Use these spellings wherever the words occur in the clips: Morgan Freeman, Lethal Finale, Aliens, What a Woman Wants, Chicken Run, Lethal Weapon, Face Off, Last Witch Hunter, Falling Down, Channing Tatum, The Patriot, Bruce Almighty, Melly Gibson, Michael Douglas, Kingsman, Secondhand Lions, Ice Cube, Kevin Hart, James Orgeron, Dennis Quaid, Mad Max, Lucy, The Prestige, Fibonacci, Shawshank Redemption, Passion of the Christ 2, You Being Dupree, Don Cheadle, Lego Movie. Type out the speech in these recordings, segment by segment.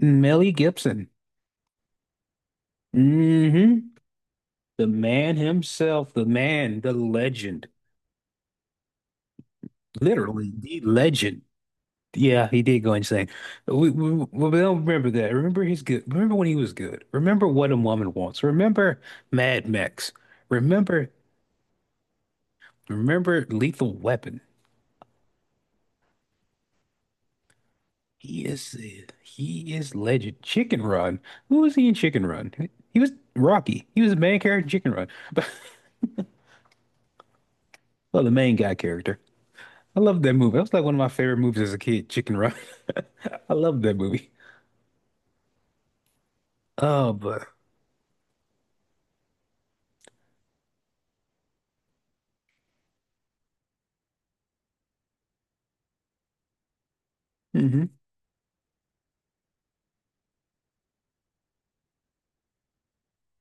Melly Gibson. hmm The man himself, the man, the legend, literally the legend. Yeah, he did go insane. We don't remember that. Remember his good. Remember when he was good. Remember What a Woman Wants. Remember Mad Max. Remember, remember Lethal Weapon. He is he is legend. Chicken Run. Who was he in Chicken Run? He was Rocky. He was the main character in Chicken Run. Well, the main guy character. I love that movie. That was like one of my favorite movies as a kid, Chicken Run. I love that movie. Oh, but hmm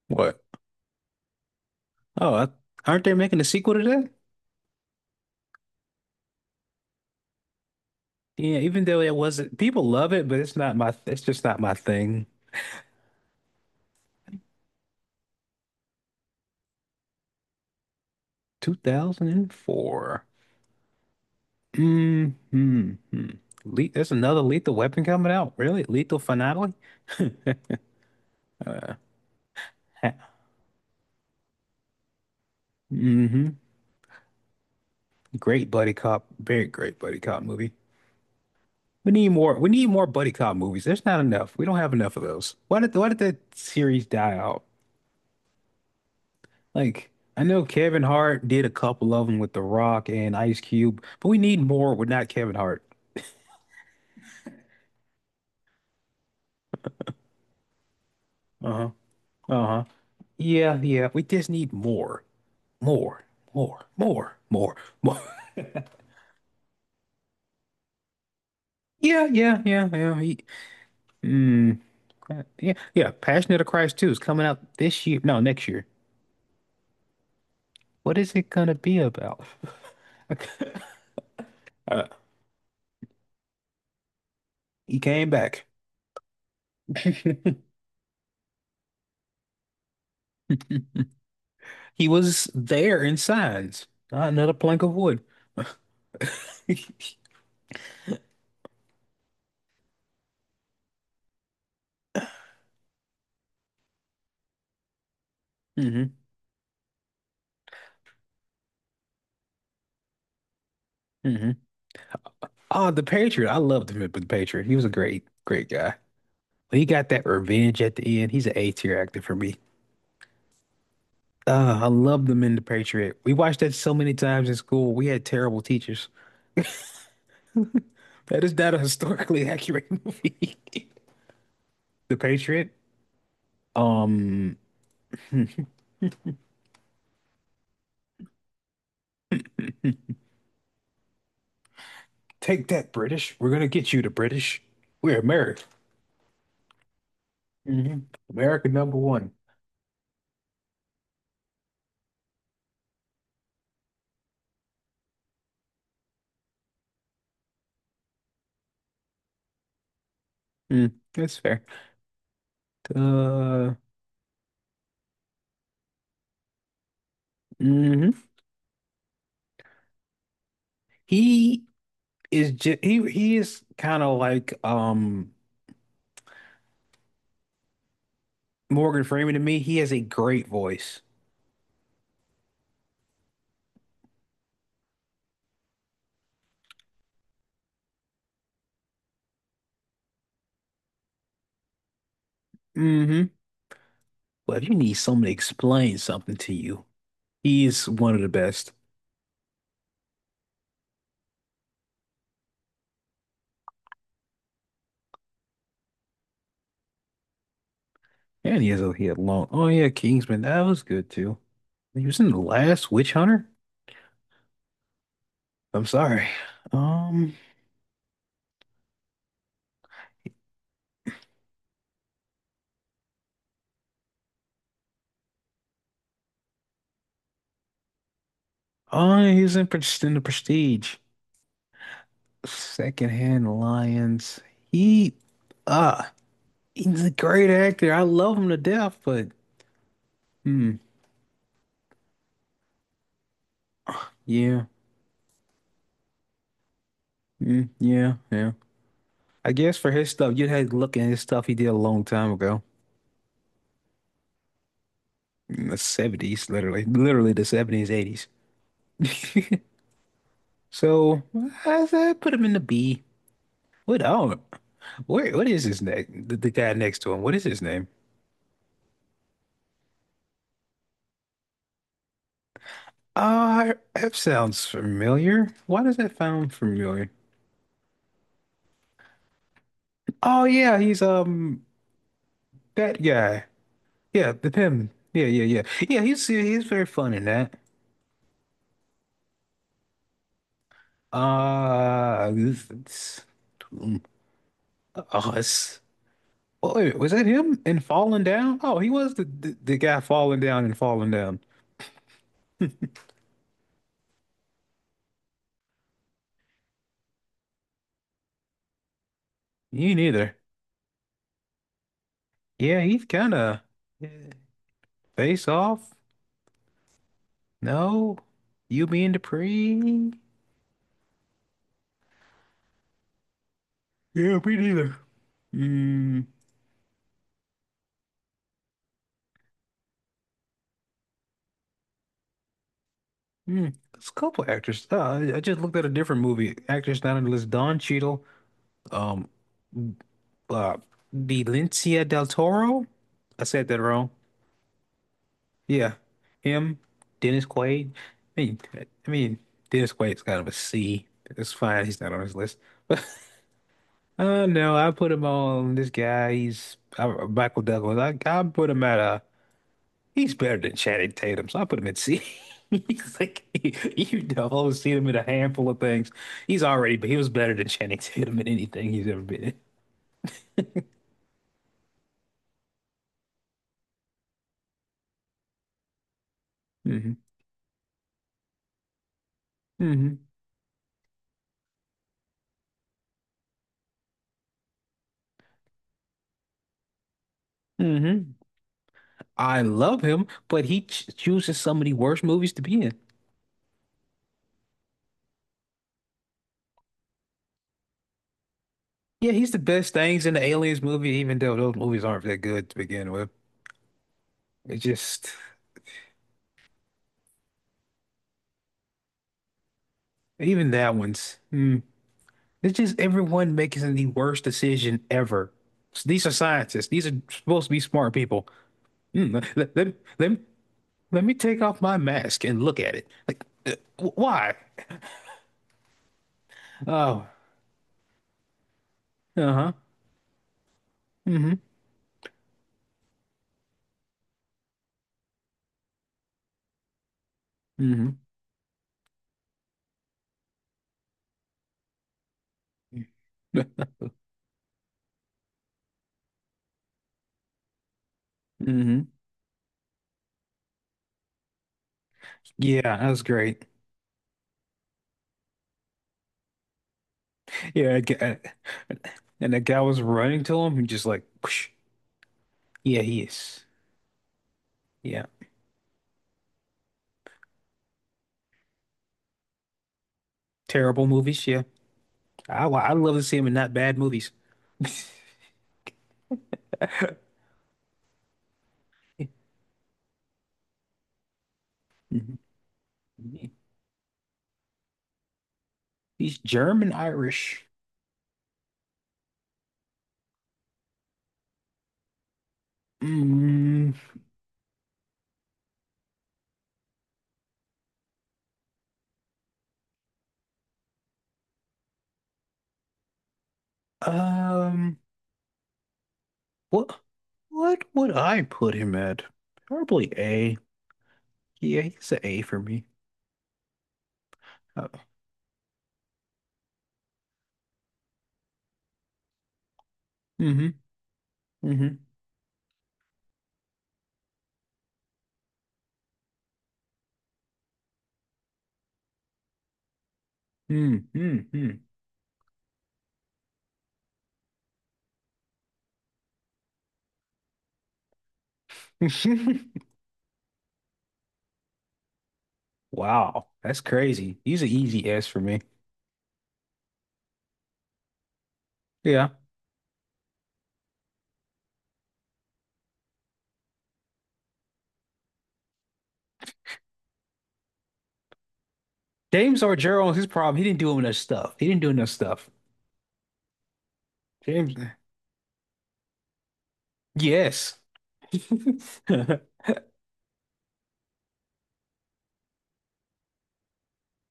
What? Oh, I, aren't they making a sequel to that? Yeah, even though it wasn't, people love it, but it's just not my thing. 2004. Mm-hmm. Le there's another Lethal Weapon coming out. Really? Lethal Finale? uh, mm-hmm. Great buddy cop. Very great buddy cop movie. We need more. We need more buddy cop movies. There's not enough. We don't have enough of those. Why did that series die out? Like I know Kevin Hart did a couple of them with The Rock and Ice Cube, but we need more with not Kevin Hart. Uh-huh. Uh-huh. Yeah, yeah. We just need more. More. More. More. More. More. Yeah, yeah, yeah, yeah. Mm, yeah, yeah. Passion of the Christ 2 is coming out this year. No, next year. What is it gonna be about? Uh, he came back. He was there in signs, not another plank of wood. hmm hmm Oh, the Patriot. I loved him in The Patriot. He was a great, great guy. He got that revenge at the end. He's an A tier actor for me. I loved him in The Patriot. We watched that so many times in school. We had terrible teachers. That is not a historically accurate movie. The Patriot. Um, hmm. Take that, British. We're gonna get you, the British. We're America. hmm America number one. Mm, that's fair. Uh, hmm He is just he is kind of like Morgan Freeman to me. He has a great voice. hmm But if you need someone to explain something to you, he's one of the best. And he has a he had long. Oh yeah, Kingsman. That was good too. He was in the last Witch Hunter. I'm sorry. Um, oh, he was in the Prestige. Secondhand Lions. He, uh, he's a great actor. I love him to death, but hmm, yeah. Mm, yeah, yeah. I guess for his stuff, you'd have to look at his stuff he did a long time ago. In the 70s, literally. Literally the 70s, 80s. So I said put him in the B. What oh where what is his name? The guy next to him. What is his name? That sounds familiar. Why does that sound familiar? Oh yeah, he's that guy. Yeah, the him. Yeah, yeah, yeah. Yeah, he's very fun in that. Uh Oh, oh, wait, was that him in Falling Down? Oh, he was the guy falling down and falling down. You neither. Yeah, he's kind of face off. No, you being Dupree. Yeah, me neither. Mm, mm. There's a couple actors. I just looked at a different movie. Actors down on the list: Don Cheadle, um, uh, Benicio del Toro. I said that wrong. Yeah, him, Dennis Quaid. I mean, I mean, Dennis Quaid's kind of a C. It's fine. He's not on this list. But no, I put him on this guy. He's Michael Douglas. I put him at a. He's better than Channing Tatum, so I put him at C. He's like you know, I've only seen him in a handful of things. He's already, but he was better than Channing Tatum in anything he's ever been in. hmm hmm hmm I love him, but he ch chooses some of the worst movies to be in. Yeah, he's the best things in the Aliens movie, even though those movies aren't that good to begin with. It just, even that one's, hmm. It's just everyone making the worst decision ever. So these are scientists. These are supposed to be smart people. Hmm, let, let, let, let me take off my mask and look at it. Like, wh- why? Oh, uh-huh. Mm-hmm. Mm-hmm. Mm-hmm. Yeah, that was great. Yeah, I get- and that guy was running to him and just like, whoosh. Yeah, he is. Yeah. Terrible movies, yeah. I love to see him in not bad movies. Mhm. He's German Irish. Mm, um, what what would I put him at? Probably A. Yeah, he's an A for me. Uh, mm-hmm, mm-hmm, mm-hmm, mm-hmm. Wow, that's crazy. He's an easy S for me. Yeah. James Orgeron, his problem, he didn't do enough stuff. He didn't do enough stuff. James, yes.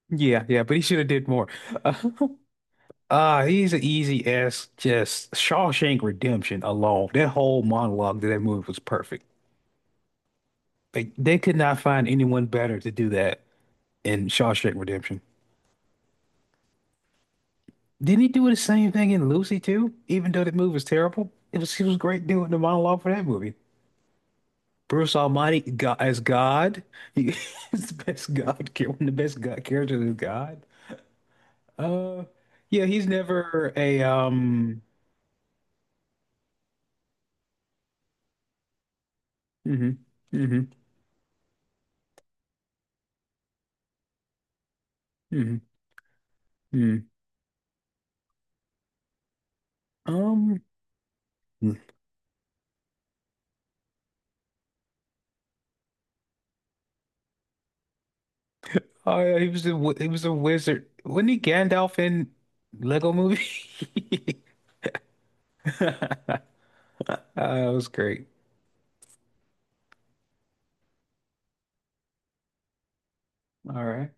Yeah, yeah, but he should have did more. Uh, he's an easy S. Just Shawshank Redemption alone. That whole monologue to that movie was perfect. Like they could not find anyone better to do that in Shawshank Redemption. Didn't he do the same thing in Lucy too? Even though that movie was terrible, it was he was great doing the monologue for that movie. Bruce Almighty God, as God, he is the best God, char- one of the best God characters is God. Uh, yeah, he's never a hmm hmm hmm Hmm. Um, Mm. Oh yeah, he was a wi- he was a wizard. Wasn't he Gandalf in Lego Movie? That was great. All right.